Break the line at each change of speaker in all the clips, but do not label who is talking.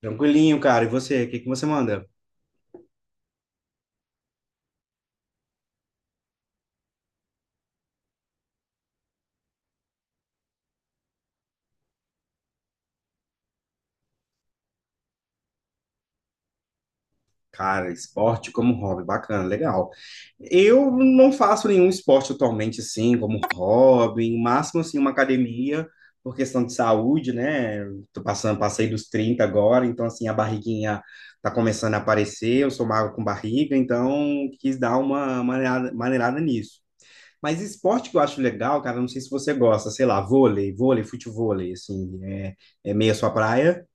Tranquilinho, cara. E você, o que você manda? Cara, esporte como hobby, bacana, legal. Eu não faço nenhum esporte atualmente assim, como hobby, no máximo assim uma academia, por questão de saúde, né? Eu tô passei dos 30 agora, então assim a barriguinha tá começando a aparecer, eu sou magro com barriga, então quis dar uma maneirada nisso. Mas esporte que eu acho legal, cara, não sei se você gosta, sei lá, vôlei, futevôlei, assim, é meio a sua praia.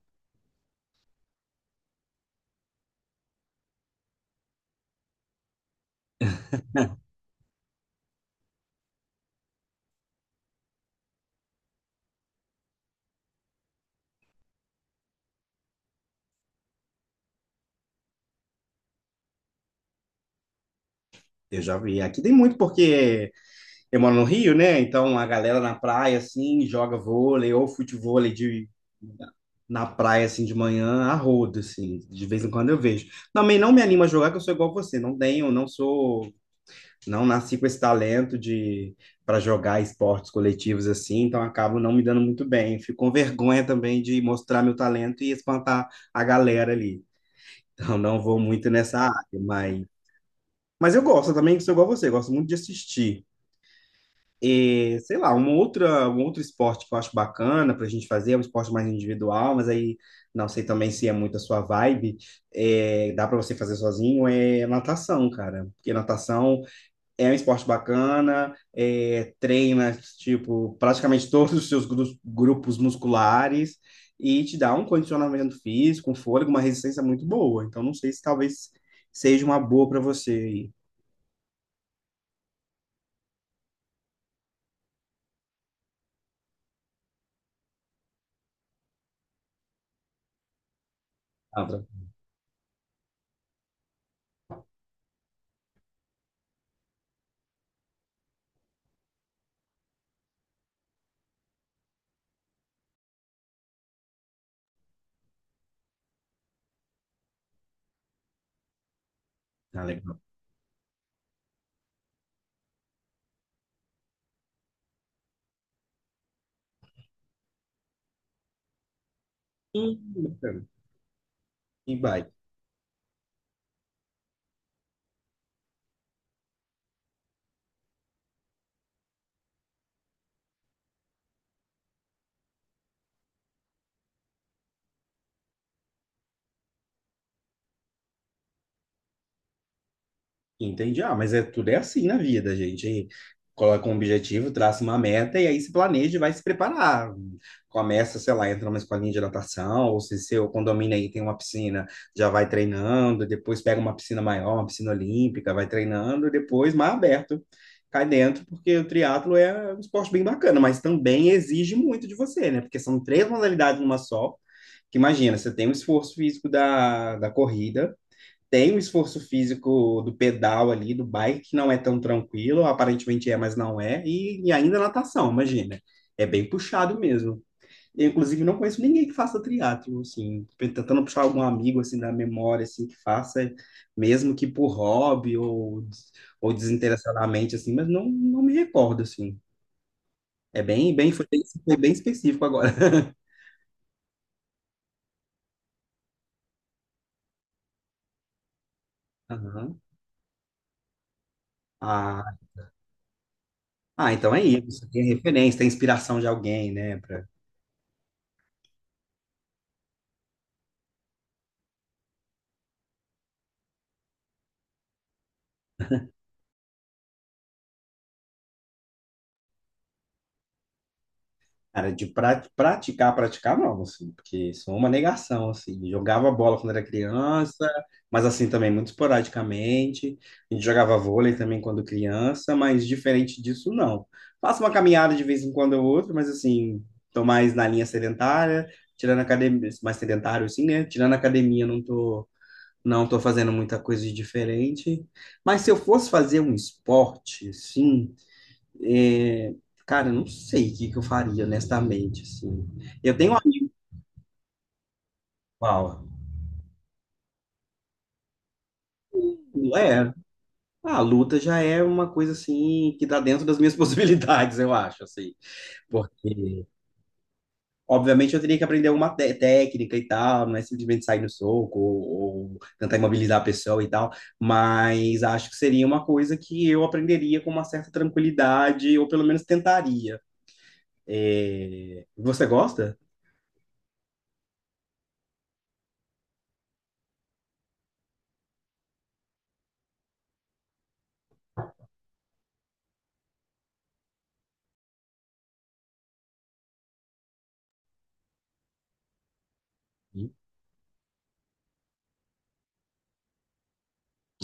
Eu já vi. Aqui tem muito porque eu moro no Rio, né? Então a galera na praia, assim, joga vôlei ou futevôlei na praia, assim, de manhã, a rodo, assim. De vez em quando eu vejo. Também não me animo a jogar, que eu sou igual você. Não tenho, não sou, não nasci com esse talento de para jogar esportes coletivos, assim. Então acabo não me dando muito bem. Fico com vergonha também de mostrar meu talento e espantar a galera ali. Então não vou muito nessa área, mas... Mas eu gosto também, que sou igual você, gosto muito de assistir. E, sei lá, um outro esporte que eu acho bacana para a gente fazer, é um esporte mais individual, mas aí não sei também se é muito a sua vibe, dá para você fazer sozinho, é natação, cara. Porque natação é um esporte bacana, é, treina, tipo, praticamente todos os seus grupos musculares e te dá um condicionamento físico, um fôlego, uma resistência muito boa. Então, não sei se talvez seja uma boa para você aí. Abra. Ah, legal. Hum, bacana. E vai. Entendi. Ah, mas é tudo assim na vida, gente. Aí coloca um objetivo, traça uma meta e aí se planeja e vai se preparar. Começa, sei lá, entra numa escolinha de natação, ou se seu condomínio aí tem uma piscina, já vai treinando, depois pega uma piscina maior, uma piscina olímpica, vai treinando, depois mar aberto. Cai dentro, porque o triatlo é um esporte bem bacana, mas também exige muito de você, né? Porque são três modalidades numa só. Que imagina, você tem o esforço físico da corrida, tem o esforço físico do pedal ali, do bike, que não é tão tranquilo, aparentemente é, mas não é, e ainda natação, imagina. É bem puxado mesmo. Eu, inclusive, não conheço ninguém que faça triatlo, assim, tentando puxar algum amigo, assim, da memória, assim, que faça, mesmo que por hobby ou desinteressadamente, assim, mas não me recordo, assim. É foi bem específico agora. Aham. Ah, ah, então é isso. Tem referência, tem inspiração de alguém, né? Cara, de praticar, praticar não, assim, porque sou uma negação, assim. Jogava bola quando era criança, mas assim também muito esporadicamente. A gente jogava vôlei também quando criança, mas diferente disso, não. Faço uma caminhada de vez em quando ou outra, mas assim, tô mais na linha sedentária, tirando academia, mais sedentário assim, né? Tirando academia, não tô, não tô fazendo muita coisa de diferente. Mas se eu fosse fazer um esporte, sim. É, cara, eu não sei o que eu faria, honestamente, assim. Eu tenho uma... Uau. É, a luta já é uma coisa, assim, que tá dentro das minhas possibilidades, eu acho, assim. Porque, obviamente, eu teria que aprender alguma técnica e tal, não é simplesmente sair no soco ou tentar imobilizar a pessoa e tal, mas acho que seria uma coisa que eu aprenderia com uma certa tranquilidade, ou pelo menos tentaria. É, você gosta? Sim.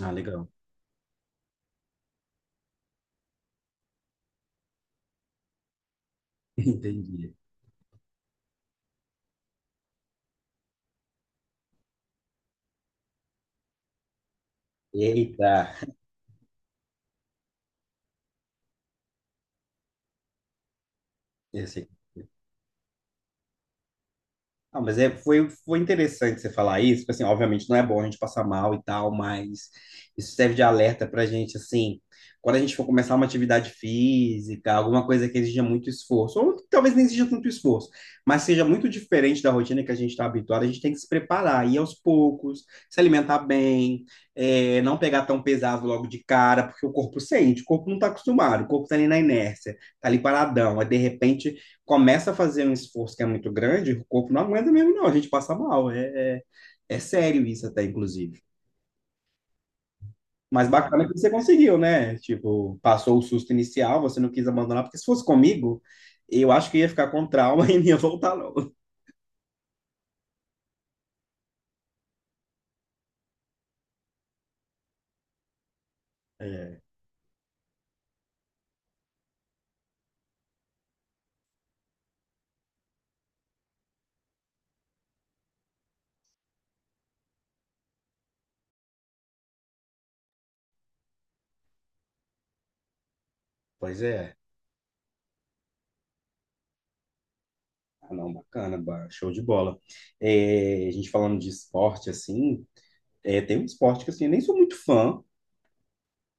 Ah, legal. Entendi. Eita. E assim, não, mas é, foi interessante você falar isso, porque, assim, obviamente não é bom a gente passar mal e tal, mas isso serve de alerta pra gente, assim, quando a gente for começar uma atividade física, alguma coisa que exija muito esforço, ou que talvez nem exija tanto esforço, mas seja muito diferente da rotina que a gente está habituado, a gente tem que se preparar, ir aos poucos, se alimentar bem, é, não pegar tão pesado logo de cara, porque o corpo sente, o corpo não está acostumado, o corpo está ali na inércia, está ali paradão, aí de repente começa a fazer um esforço que é muito grande, o corpo não aguenta mesmo, não. A gente passa mal. É sério isso até, inclusive. Mas bacana que você conseguiu, né? Tipo, passou o susto inicial, você não quis abandonar, porque se fosse comigo, eu acho que ia ficar com trauma e não ia voltar, não. É, pois é. Ah, não, bacana, show de bola. É, a gente falando de esporte, assim, é, tem um esporte que assim, eu nem sou muito fã,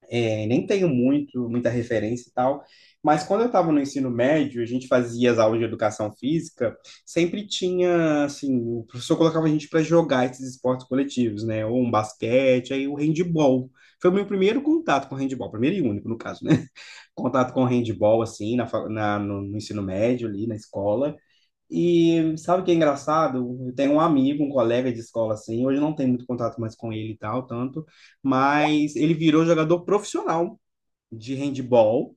é, nem tenho muita referência e tal, mas quando eu estava no ensino médio, a gente fazia as aulas de educação física, sempre tinha, assim, o professor colocava a gente para jogar esses esportes coletivos, né? Ou um basquete, aí o handball. Foi o meu primeiro contato com handball, primeiro e único, no caso, né? Contato com handball, assim, na, fa- na- no, no ensino médio, ali na escola. E sabe o que é engraçado? Eu tenho um amigo, um colega de escola, assim, hoje eu não tenho muito contato mais com ele e tal, tanto, mas ele virou jogador profissional de handball.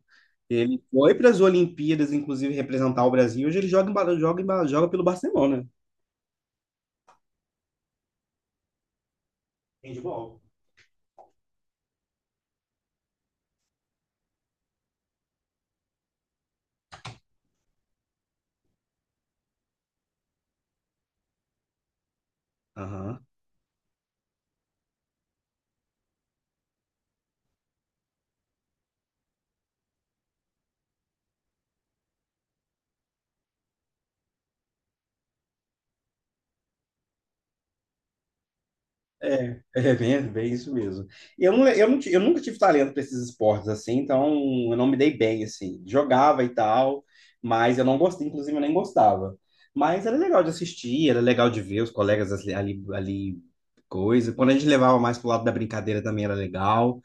Ele foi para as Olimpíadas, inclusive, representar o Brasil. Hoje ele joga pelo Barcelona. Handball. Aham. É, é bem isso mesmo. Eu, não ti- eu nunca tive talento para esses esportes assim, então eu não me dei bem assim. Jogava e tal, mas eu não gostei, inclusive eu nem gostava. Mas era legal de assistir, era legal de ver os colegas ali coisa. Quando a gente levava mais pro lado da brincadeira também era legal.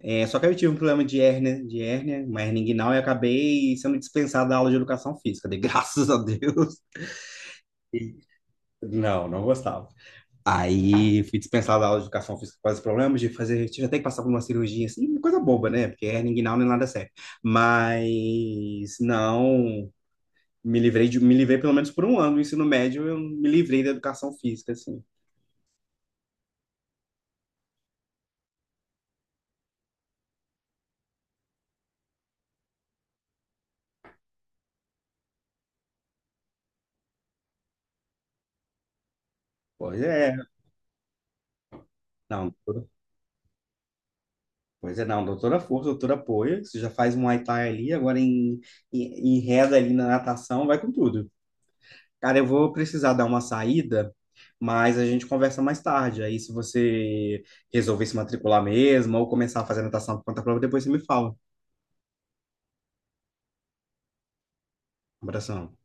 É, só que aí eu tive um problema de hérnia, uma hérnia inguinal, e acabei sendo dispensado da aula de educação física. Dei graças a Deus. Não, não gostava. Aí fui dispensado da aula de educação física por causa de problemas de fazer. Tive até que passar por uma cirurgia, assim, coisa boba, né? Porque hernia inguinal não é nada sério. Mas não. Me livrei pelo menos por um ano do ensino médio, eu me livrei da educação física, assim. Pois é. Não, Pois é, não, doutora força, doutora apoia. Você já faz um Muay Thai ali, em reda ali na natação, vai com tudo. Cara, eu vou precisar dar uma saída, mas a gente conversa mais tarde. Aí, se você resolver se matricular mesmo ou começar a fazer natação por conta própria, depois você me fala. Um abração.